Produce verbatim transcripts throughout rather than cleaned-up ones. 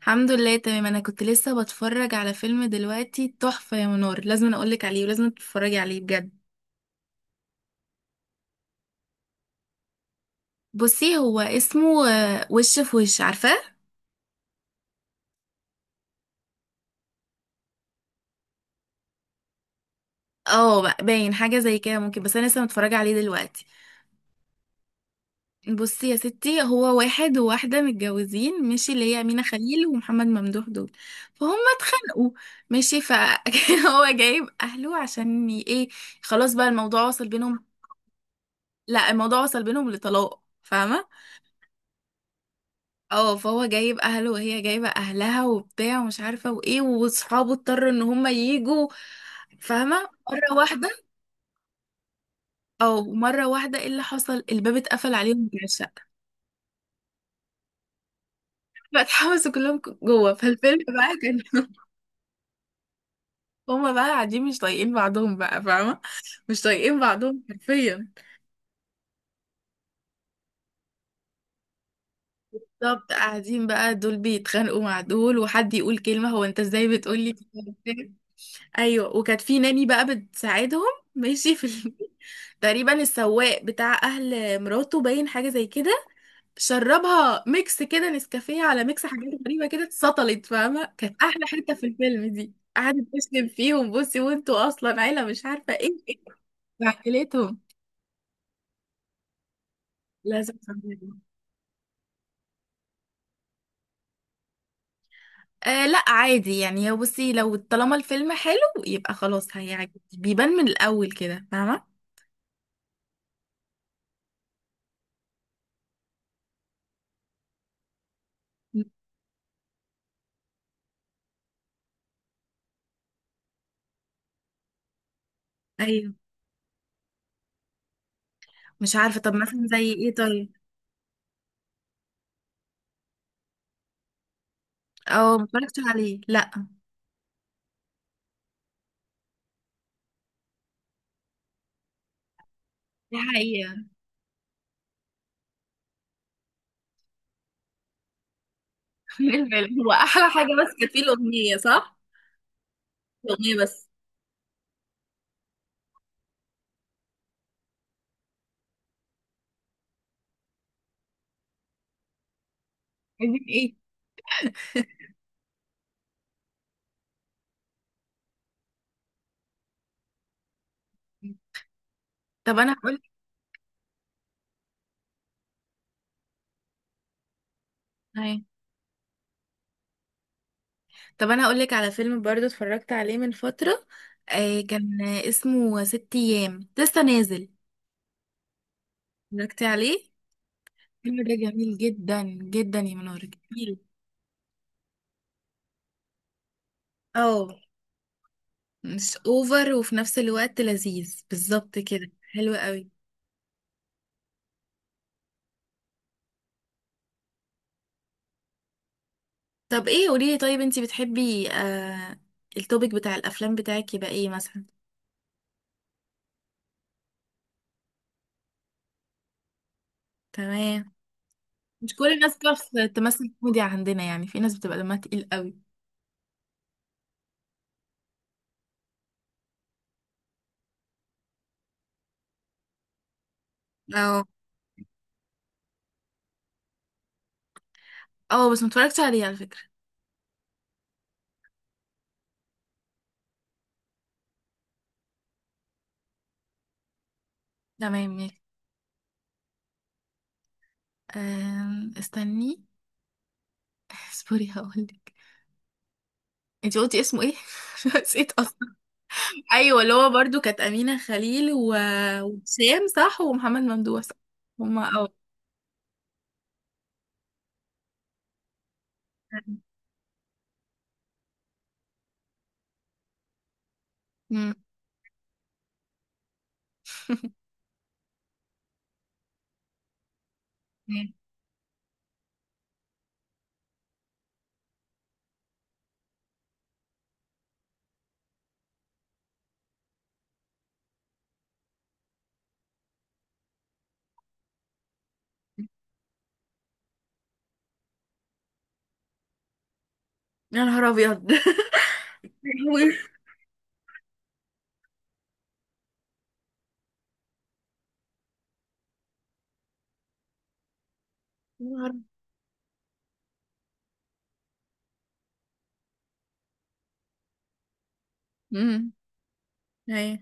الحمد لله، تمام. انا كنت لسه بتفرج على فيلم دلوقتي تحفة يا منار، لازم أنا اقولك عليه ولازم تتفرجي عليه بجد. بصي، هو اسمه آه، وش في وش. عارفاه؟ اه، بقى باين حاجة زي كده ممكن، بس انا لسه متفرجة عليه دلوقتي. بصي يا ستي، هو واحد وواحدة متجوزين، ماشي؟ اللي هي أمينة خليل ومحمد ممدوح دول. فهم اتخانقوا، ماشي. فهو جايب اهله عشان ي- ايه. خلاص بقى، الموضوع وصل بينهم. لا، الموضوع وصل بينهم لطلاق، فاهمة؟ اه، فهو جايب اهله وهي جايبه اهلها وبتاع ومش عارفه وايه، واصحابه اضطروا ان هم يجوا. فاهمه؟ مره واحده. او مره واحده، ايه اللي حصل؟ الباب اتقفل عليهم من الشقه. فاتحبسوا كلهم ك- جوه، فالفيلم بقى كان هما بقى قاعدين مش طايقين بعضهم بقى، فاهمه؟ مش طايقين بعضهم حرفيا. بالظبط، قاعدين بقى دول بيتخانقوا مع دول، وحد يقول كلمه، هو انت ازاي بتقولي كده. ايوه، وكانت في ناني بقى بتساعدهم. ماشي، في ال... تقريبا السواق بتاع اهل مراته باين حاجه زي كده. شربها ميكس كده، نسكافيه على ميكس، حاجات غريبه كده. اتسطلت، فاهمه؟ كانت احلى حته في الفيلم دي. قعدت تشتم فيهم، بصي وانتوا اصلا عيله مش عارفه ايه ايه. عائلتهم. لازم تفهميهم. آه لا عادي يعني. هو بصي، لو طالما الفيلم حلو يبقى خلاص هيعجبك، بيبان من الاول كده، فاهمه؟ ايوه. مش عارفه، طب مثلا زي ايه؟ طيب. اه، ما اتفرجتش عليه، لا. دي حقيقة. خلي بالك، هو أحلى حاجة بس كانت فيه الأغنية، صح؟ الأغنية بس. عايزين ايه؟ طب انا هقول لك طب انا هقول لك على فيلم برضو اتفرجت عليه من فترة. آه كان اسمه ست ايام، لسه نازل. اتفرجتي عليه؟ الفيلم ده جميل جدا جدا يا منور، جميل. اه، مش اوفر وفي نفس الوقت لذيذ، بالظبط كده، حلو قوي. طب ايه، قولي لي طيب. انتي بتحبي آه التوبيك بتاع الافلام بتاعك يبقى ايه مثلا؟ تمام. مش كل الناس بتعرف تمثل كوميديا عندنا، يعني في ناس بتبقى دمها تقيل قوي. اه. اه بس متفرجتش عليه على فكرة. تمام، ماشي. أم، استني. اصبري هقولك. انتي قلتي اسمه ايه؟ نسيت اصلا. ايوه، اللي هو برضو كانت امينه خليل و- وهشام، صح؟ ومحمد ممدوح، صح. هما، اه. مم. تمام. يا نهار ابيض. يا نهار امم ايوه،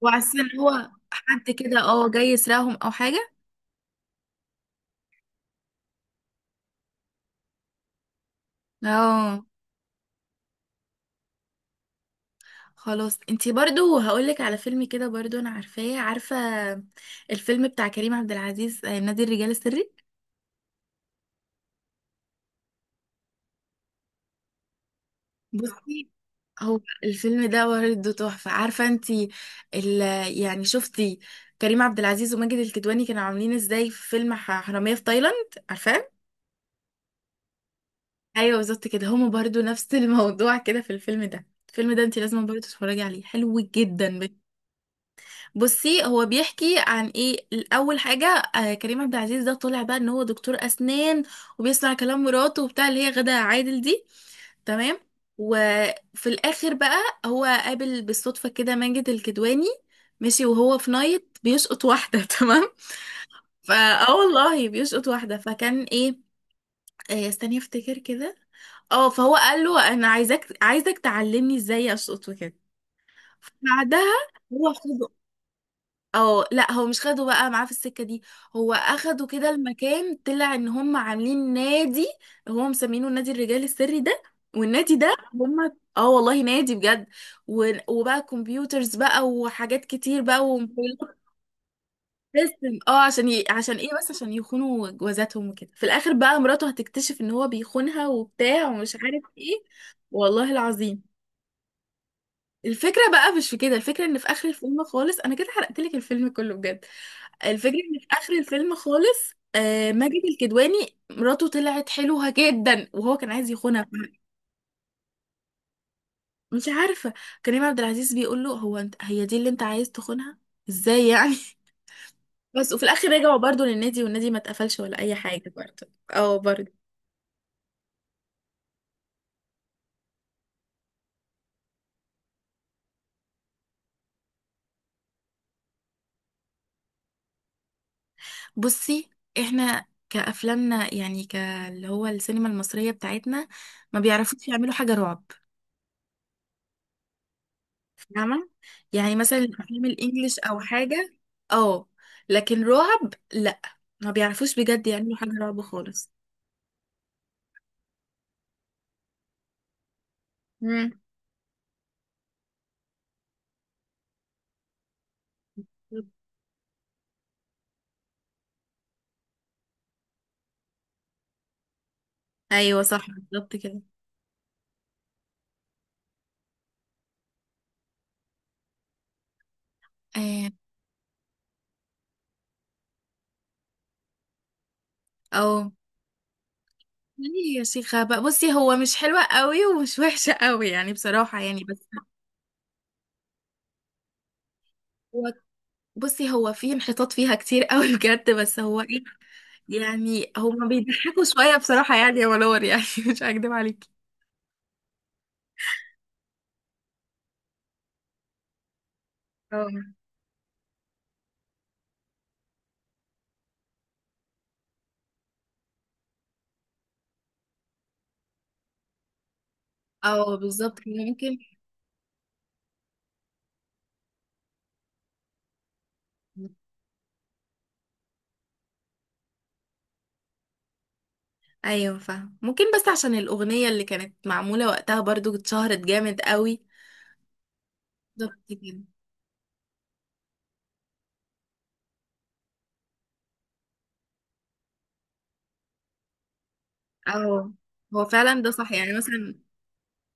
وعشان هو حد كده اه جاي يسرقهم او حاجه. اه. خلاص، انتي برضو هقولك على فيلم كده برضو، انا عارفاه، عارفة الفيلم بتاع كريم عبد العزيز، آه، نادي الرجال السري. بصي، هو الفيلم ده برضه تحفة، عارفة انتي ال يعني، شفتي كريم عبد العزيز وماجد الكدواني كانوا عاملين ازاي في فيلم ح- حرامية في تايلاند، عارفاه؟ ايوه بالظبط كده، هما برضه نفس الموضوع كده. في الفيلم ده الفيلم ده انتي لازم برضه تتفرجي عليه، حلو جدا. بصي هو بيحكي عن ايه. اول حاجه، آه كريم عبد العزيز ده طلع بقى ان هو دكتور اسنان، وبيسمع كلام مراته وبتاع، اللي هي غادة عادل دي. تمام. وفي الاخر بقى، هو قابل بالصدفه كده ماجد الكدواني. ماشي، وهو في نايت بيشقط واحده. تمام. فا اه والله بيشقط واحده، فكان ايه، آه، استني افتكر كده. اه، فهو قال له انا عايزك عايزك تعلمني ازاي اشقط وكده. بعدها، هو خده. اه، لا هو مش خده بقى معاه في السكة دي، هو اخده كده، المكان طلع ان هم عاملين نادي. هو مسمينه نادي الرجال السري ده. والنادي ده هم اه والله نادي بجد، و... وبقى كمبيوترز بقى وحاجات كتير بقى وموبايلات. سيستم، اه عشان ي... عشان ايه، بس عشان يخونوا جوازاتهم وكده. في الاخر بقى مراته هتكتشف ان هو بيخونها وبتاع ومش عارف ايه. والله العظيم. الفكرة بقى مش في كده، الفكرة ان في اخر الفيلم خالص، انا كده حرقت لك الفيلم كله بجد. الفكرة ان في اخر الفيلم خالص، آه ماجد الكدواني مراته طلعت حلوة جدا، وهو كان عايز يخونها. مش عارفة. كريم عبد العزيز بيقول له، هو انت هي دي اللي انت عايز تخونها؟ ازاي يعني؟ بس. وفي الاخر رجعوا برضو للنادي، والنادي ما اتقفلش ولا اي حاجة برضو. اه برضو. بصي، احنا كأفلامنا يعني، كاللي هو السينما المصرية بتاعتنا، ما بيعرفوش يعملوا حاجة رعب، فاهمة؟ يعني مثلا الأفلام الإنجليش أو حاجة، اه. لكن رعب لأ، ما بيعرفوش بجد يعملوا حاجة رعب خالص. مم. أيوة صح، بالظبط كده. آه، اه يعني، يا شيخة بقى، بصي هو مش حلوة قوي ومش وحشة قوي يعني، بصراحة يعني، بس هو بصي، هو في انحطاط فيها كتير قوي بجد، بس هو ايه، يعني هما بيضحكوا شوية بصراحة يعني، يا ولور يعني، مش هكدب عليكي. اه. اه بالظبط كده، ممكن. ايوه فاهم، ممكن بس عشان الاغنيه اللي كانت معموله وقتها برضو اتشهرت جامد قوي. بالظبط كده. اه، هو فعلا ده صح يعني، مثلا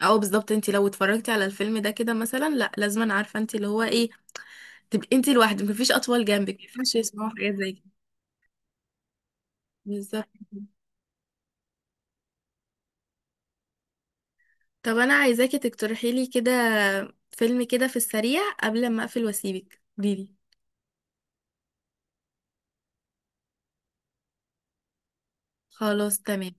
اه بالظبط، انت لو اتفرجتي على الفيلم ده كده مثلا، لا لازما، عارفه انت اللي هو ايه، تبقي انت لوحدك، مفيش اطفال جنبك، مفيش يسمعوا حاجات زي كده. بالظبط كده. طب انا عايزاكي تقترحي لي كده فيلم كده في السريع قبل ما اقفل واسيبك، قوليلي. خلاص تمام.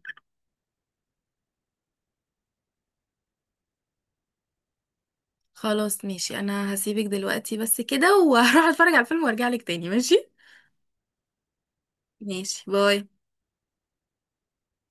خلاص ماشي، انا هسيبك دلوقتي بس كده، وهروح اتفرج على الفيلم وارجع لك تاني، ماشي؟ ماشي، باي.